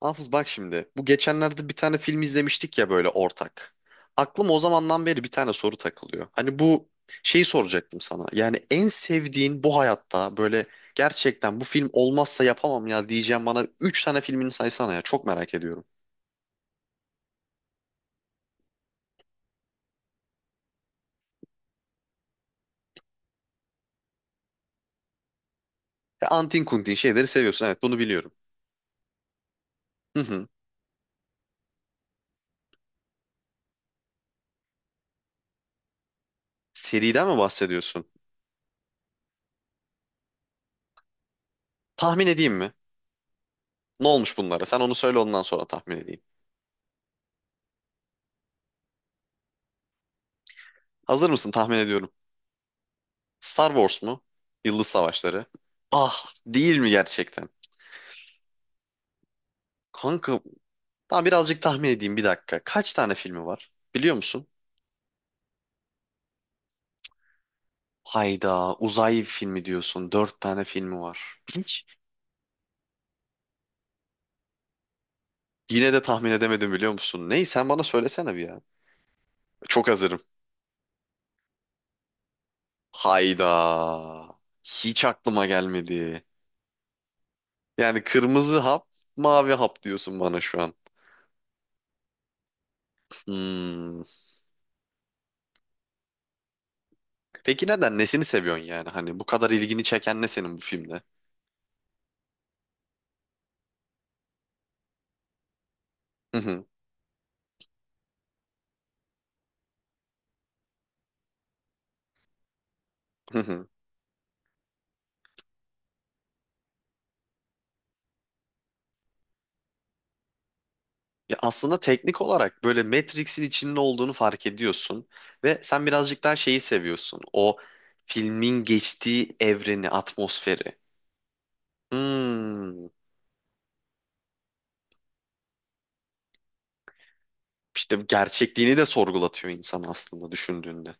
Hafız, bak şimdi. Bu geçenlerde bir tane film izlemiştik ya böyle ortak. Aklım o zamandan beri bir tane soru takılıyor. Hani bu şeyi soracaktım sana. Yani en sevdiğin, bu hayatta böyle gerçekten bu film olmazsa yapamam ya diyeceğim, bana 3 tane filmini saysana ya. Çok merak ediyorum. Ya antin kuntin şeyleri seviyorsun. Evet, bunu biliyorum. Hı hı. Seriden mi bahsediyorsun? Tahmin edeyim mi? Ne olmuş bunlara? Sen onu söyle, ondan sonra tahmin edeyim. Hazır mısın? Tahmin ediyorum. Star Wars mu? Yıldız Savaşları. Ah, değil mi gerçekten? Kanka, daha birazcık tahmin edeyim, bir dakika. Kaç tane filmi var biliyor musun? Hayda, uzay filmi diyorsun. Dört tane filmi var. Hiç yine de tahmin edemedim biliyor musun? Ney, sen bana söylesene bir ya. Çok hazırım. Hayda, hiç aklıma gelmedi. Yani kırmızı hap, mavi hap diyorsun bana şu an. Hmm. Peki neden, nesini seviyorsun yani? Hani bu kadar ilgini çeken ne senin bu filmde? Hı hı. Hı hı. Ya aslında teknik olarak böyle Matrix'in içinde olduğunu fark ediyorsun ve sen birazcık daha şeyi seviyorsun. O filmin geçtiği evreni, atmosferi. Hmm, işte gerçekliğini de sorgulatıyor insan aslında düşündüğünde.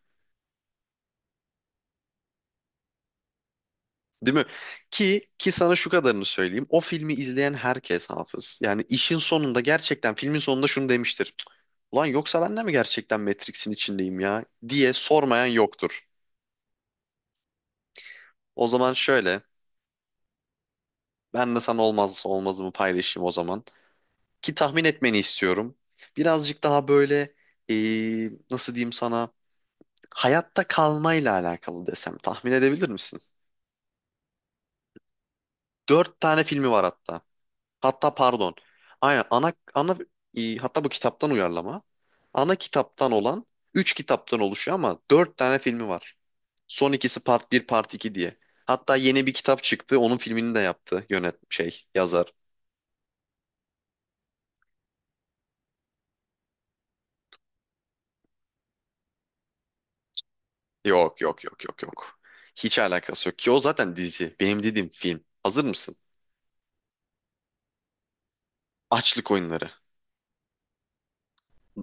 Değil mi? Ki sana şu kadarını söyleyeyim. O filmi izleyen herkes hafız. Yani işin sonunda, gerçekten filmin sonunda şunu demiştir. "Cık, ulan yoksa ben de mi gerçekten Matrix'in içindeyim ya" diye sormayan yoktur. O zaman şöyle, ben de sana olmazsa olmazımı paylaşayım o zaman. Ki tahmin etmeni istiyorum. Birazcık daha böyle nasıl diyeyim sana, hayatta kalmayla alakalı desem tahmin edebilir misin? Dört tane filmi var hatta. Hatta pardon. Aynen ana hatta bu kitaptan uyarlama. Ana kitaptan olan üç kitaptan oluşuyor ama dört tane filmi var. Son ikisi part bir part 2 diye. Hatta yeni bir kitap çıktı. Onun filmini de yaptı yönet şey yazar. Yok yok yok yok yok. Hiç alakası yok ki, o zaten dizi. Benim dediğim film. Hazır mısın? Açlık Oyunları.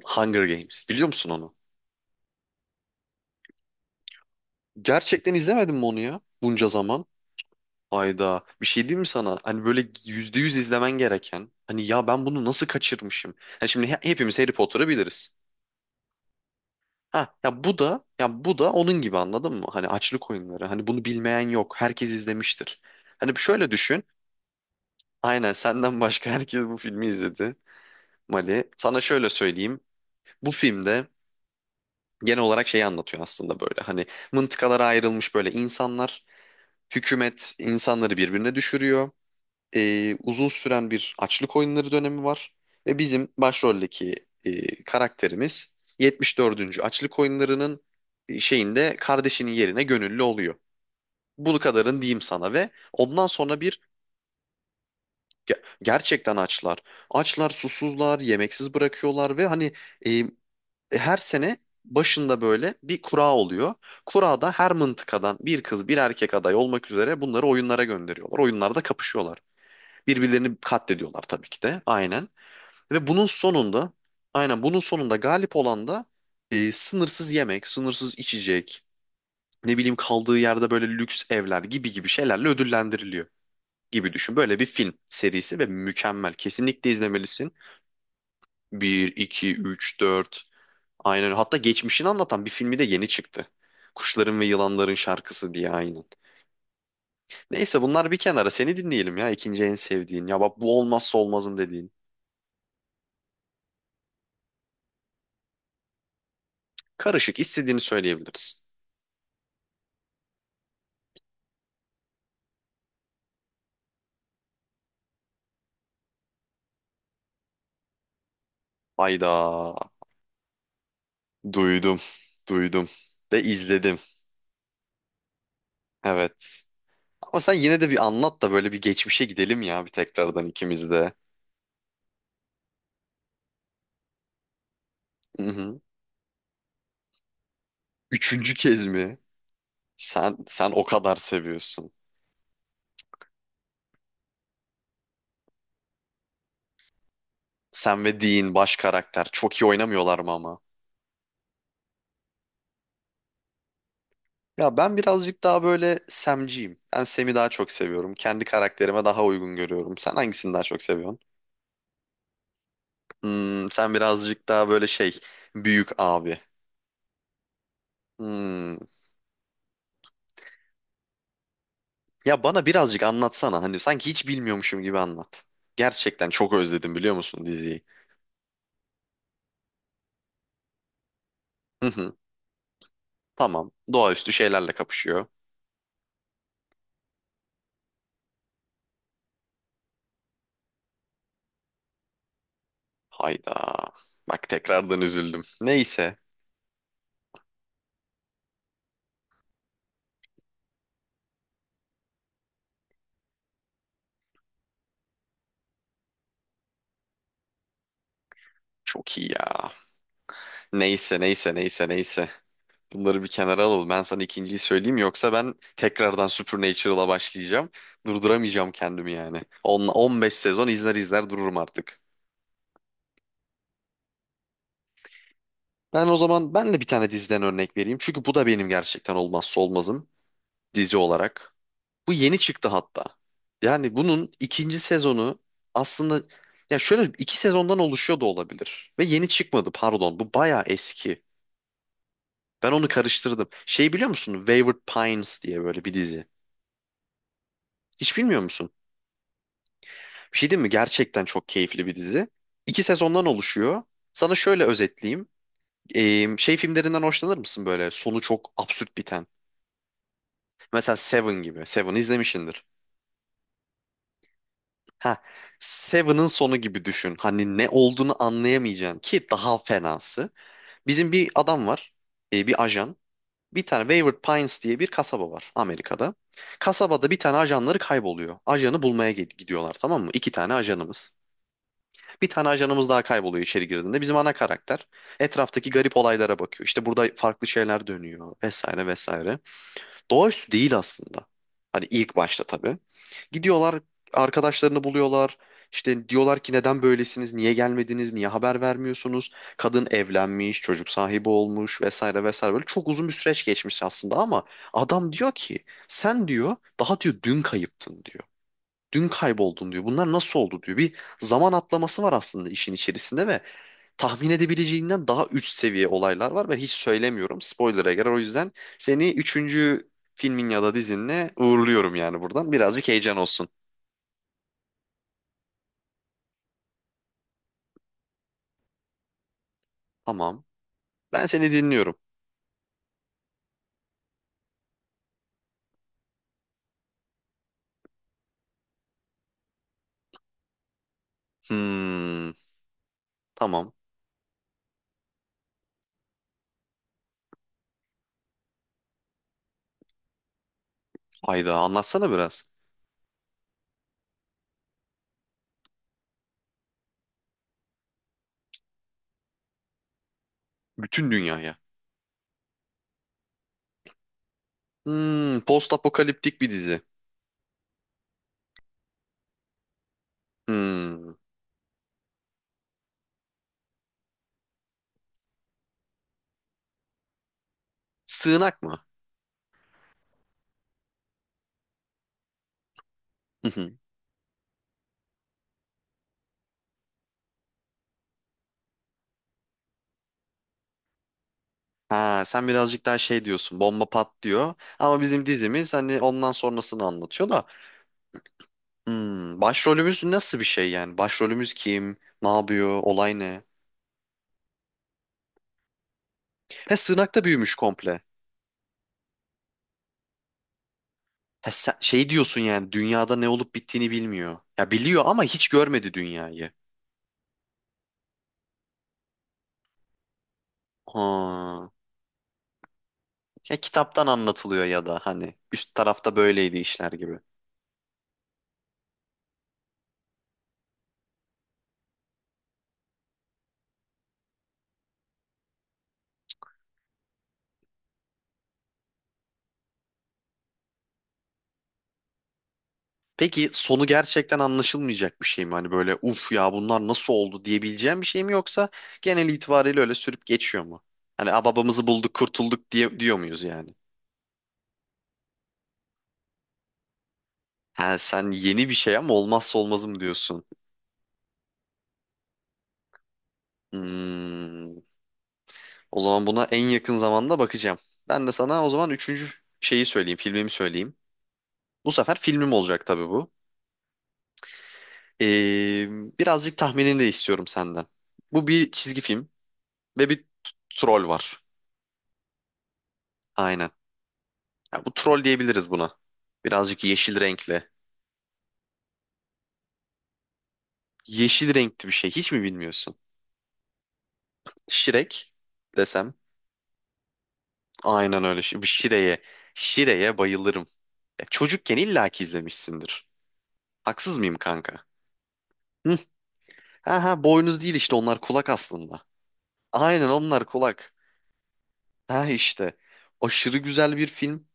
Hunger Games. Biliyor musun onu? Gerçekten izlemedin mi onu ya? Bunca zaman. Ayda. Bir şey diyeyim mi sana? Hani böyle yüzde yüz izlemen gereken. Hani ya ben bunu nasıl kaçırmışım? Hani şimdi hepimiz Harry Potter'ı biliriz. Ha ya bu da, ya bu da onun gibi, anladın mı? Hani Açlık Oyunları. Hani bunu bilmeyen yok. Herkes izlemiştir. Hani şöyle düşün. Aynen, senden başka herkes bu filmi izledi. Mali. Sana şöyle söyleyeyim. Bu filmde genel olarak şeyi anlatıyor aslında böyle. Hani mıntıkalara ayrılmış böyle insanlar, hükümet insanları birbirine düşürüyor. Uzun süren bir açlık oyunları dönemi var. Ve bizim başroldeki karakterimiz 74. açlık oyunlarının şeyinde kardeşinin yerine gönüllü oluyor. Bunu kadarın diyeyim sana ve ondan sonra bir gerçekten açlar. Açlar, susuzlar, yemeksiz bırakıyorlar ve hani e, her sene başında böyle bir kura oluyor. Kurada her mıntıkadan bir kız bir erkek aday olmak üzere bunları oyunlara gönderiyorlar. Oyunlarda kapışıyorlar. Birbirlerini katlediyorlar tabii ki de. Aynen. Ve bunun sonunda, aynen bunun sonunda galip olan da sınırsız yemek, sınırsız içecek, ne bileyim kaldığı yerde böyle lüks evler gibi gibi şeylerle ödüllendiriliyor gibi düşün. Böyle bir film serisi ve mükemmel. Kesinlikle izlemelisin. Bir, 2, 3, 4. Aynen öyle. Hatta geçmişini anlatan bir filmi de yeni çıktı. Kuşların ve Yılanların Şarkısı diye, aynen. Neyse, bunlar bir kenara. Seni dinleyelim ya. İkinci en sevdiğin. Ya bak, bu olmazsa olmazım dediğin. Karışık, istediğini söyleyebiliriz. Hayda. Duydum. Duydum. Ve izledim. Evet. Ama sen yine de bir anlat da böyle bir geçmişe gidelim ya, bir tekrardan ikimiz de. Hı hı. Üçüncü kez mi? Sen o kadar seviyorsun. Sen ve Dean baş karakter. Çok iyi oynamıyorlar mı ama? Ya ben birazcık daha böyle Sam'ciyim. Ben Sam'i daha çok seviyorum. Kendi karakterime daha uygun görüyorum. Sen hangisini daha çok seviyorsun? Hmm, sen birazcık daha böyle şey, büyük abi. Hmm. Ya bana birazcık anlatsana. Hani sanki hiç bilmiyormuşum gibi anlat. Gerçekten çok özledim biliyor musun diziyi? Hı hı. Tamam. Doğaüstü şeylerle kapışıyor. Hayda. Bak, tekrardan üzüldüm. Neyse. Çok iyi ya. Neyse neyse neyse neyse. Bunları bir kenara alalım. Ben sana ikinciyi söyleyeyim yoksa ben tekrardan Supernatural'a başlayacağım. Durduramayacağım kendimi yani. 15 sezon izler izler dururum artık. Ben o zaman Ben de bir tane diziden örnek vereyim. Çünkü bu da benim gerçekten olmazsa olmazım dizi olarak. Bu yeni çıktı hatta. Yani bunun ikinci sezonu aslında, ya şöyle, iki sezondan oluşuyor da olabilir. Ve yeni çıkmadı, pardon. Bu bayağı eski. Ben onu karıştırdım. Şey biliyor musun? Wayward Pines diye böyle bir dizi. Hiç bilmiyor musun? Bir şey değil mi? Gerçekten çok keyifli bir dizi. İki sezondan oluşuyor. Sana şöyle özetleyeyim. Şey filmlerinden hoşlanır mısın böyle? Sonu çok absürt biten. Mesela Seven gibi. Seven izlemişsindir. Ha, Seven'ın sonu gibi düşün. Hani ne olduğunu anlayamayacaksın, ki daha fenası. Bizim bir adam var. Bir ajan. Bir tane Wayward Pines diye bir kasaba var Amerika'da. Kasabada bir tane ajanları kayboluyor. Ajanı bulmaya gidiyorlar, tamam mı? İki tane ajanımız. Bir tane ajanımız daha kayboluyor içeri girdiğinde. Bizim ana karakter etraftaki garip olaylara bakıyor. İşte burada farklı şeyler dönüyor vesaire vesaire. Doğaüstü değil aslında. Hani ilk başta tabii. Gidiyorlar, arkadaşlarını buluyorlar. İşte diyorlar ki neden böylesiniz, niye gelmediniz, niye haber vermiyorsunuz? Kadın evlenmiş, çocuk sahibi olmuş vesaire vesaire. Böyle çok uzun bir süreç geçmiş aslında ama adam diyor ki sen diyor daha diyor dün kayıptın diyor. Dün kayboldun diyor. Bunlar nasıl oldu diyor. Bir zaman atlaması var aslında işin içerisinde ve tahmin edebileceğinden daha üst seviye olaylar var. Ben hiç söylemiyorum. Spoiler'a girer. O yüzden seni üçüncü filmin ya da dizinle uğurluyorum yani buradan. Birazcık heyecan olsun. Tamam. Ben seni dinliyorum. Hmm, tamam. Hayda, anlatsana biraz. Bütün dünyaya. Hmm, post apokaliptik bir dizi. Hmm, sığınak mı? Ha, sen birazcık daha şey diyorsun, bomba patlıyor ama bizim dizimiz hani ondan sonrasını anlatıyor da hmm, başrolümüz nasıl bir şey, yani başrolümüz kim, ne yapıyor, olay ne? He, sığınakta büyümüş komple. He, sen şey diyorsun yani, dünyada ne olup bittiğini bilmiyor, ya biliyor ama hiç görmedi dünyayı. Ha, ya kitaptan anlatılıyor ya da hani üst tarafta böyleydi işler gibi. Peki sonu gerçekten anlaşılmayacak bir şey mi? Hani böyle, uf ya, bunlar nasıl oldu diyebileceğim bir şey mi, yoksa genel itibariyle öyle sürüp geçiyor mu? Hani "Aa, babamızı bulduk, kurtulduk" diye diyor muyuz yani? Ha, sen yeni bir şey ama olmazsa olmazım diyorsun. Hmm, o zaman buna en yakın zamanda bakacağım. Ben de sana o zaman üçüncü şeyi söyleyeyim, filmimi söyleyeyim. Bu sefer filmim olacak tabii bu. Ee, Birazcık tahminini de istiyorum senden. Bu bir çizgi film ve bir troll var. Aynen. Ya bu, troll diyebiliriz buna. Birazcık yeşil renkli. Yeşil renkli bir şey. Hiç mi bilmiyorsun? Şirek desem. Aynen öyle. Bir Şire'ye. Şire'ye bayılırım. Ya çocukken illaki izlemişsindir. Haksız mıyım kanka? Hı. Aha, boynuz değil işte, onlar kulak aslında. Aynen, onlar kulak. Ha işte. Aşırı güzel bir film.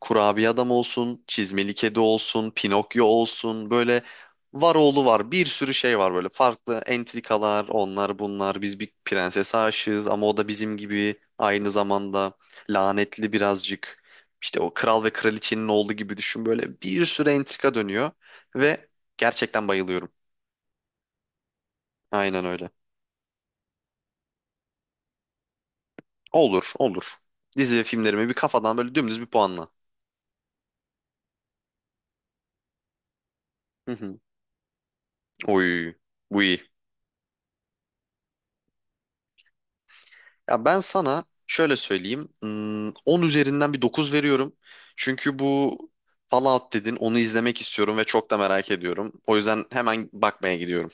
Kurabiye adam olsun, çizmeli kedi olsun, Pinokyo olsun, böyle var oğlu var, bir sürü şey var, böyle farklı entrikalar, onlar bunlar, biz bir prensese aşığız ama o da bizim gibi aynı zamanda lanetli birazcık, işte o kral ve kraliçenin oğlu gibi düşün, böyle bir sürü entrika dönüyor ve gerçekten bayılıyorum, aynen öyle. Olur olur, dizi ve filmlerimi bir kafadan böyle dümdüz bir puanla. Hı hı. Oy, bu iyi. Ya ben sana şöyle söyleyeyim. Hmm, 10 üzerinden bir 9 veriyorum. Çünkü bu Fallout dedin, onu izlemek istiyorum ve çok da merak ediyorum. O yüzden hemen bakmaya gidiyorum.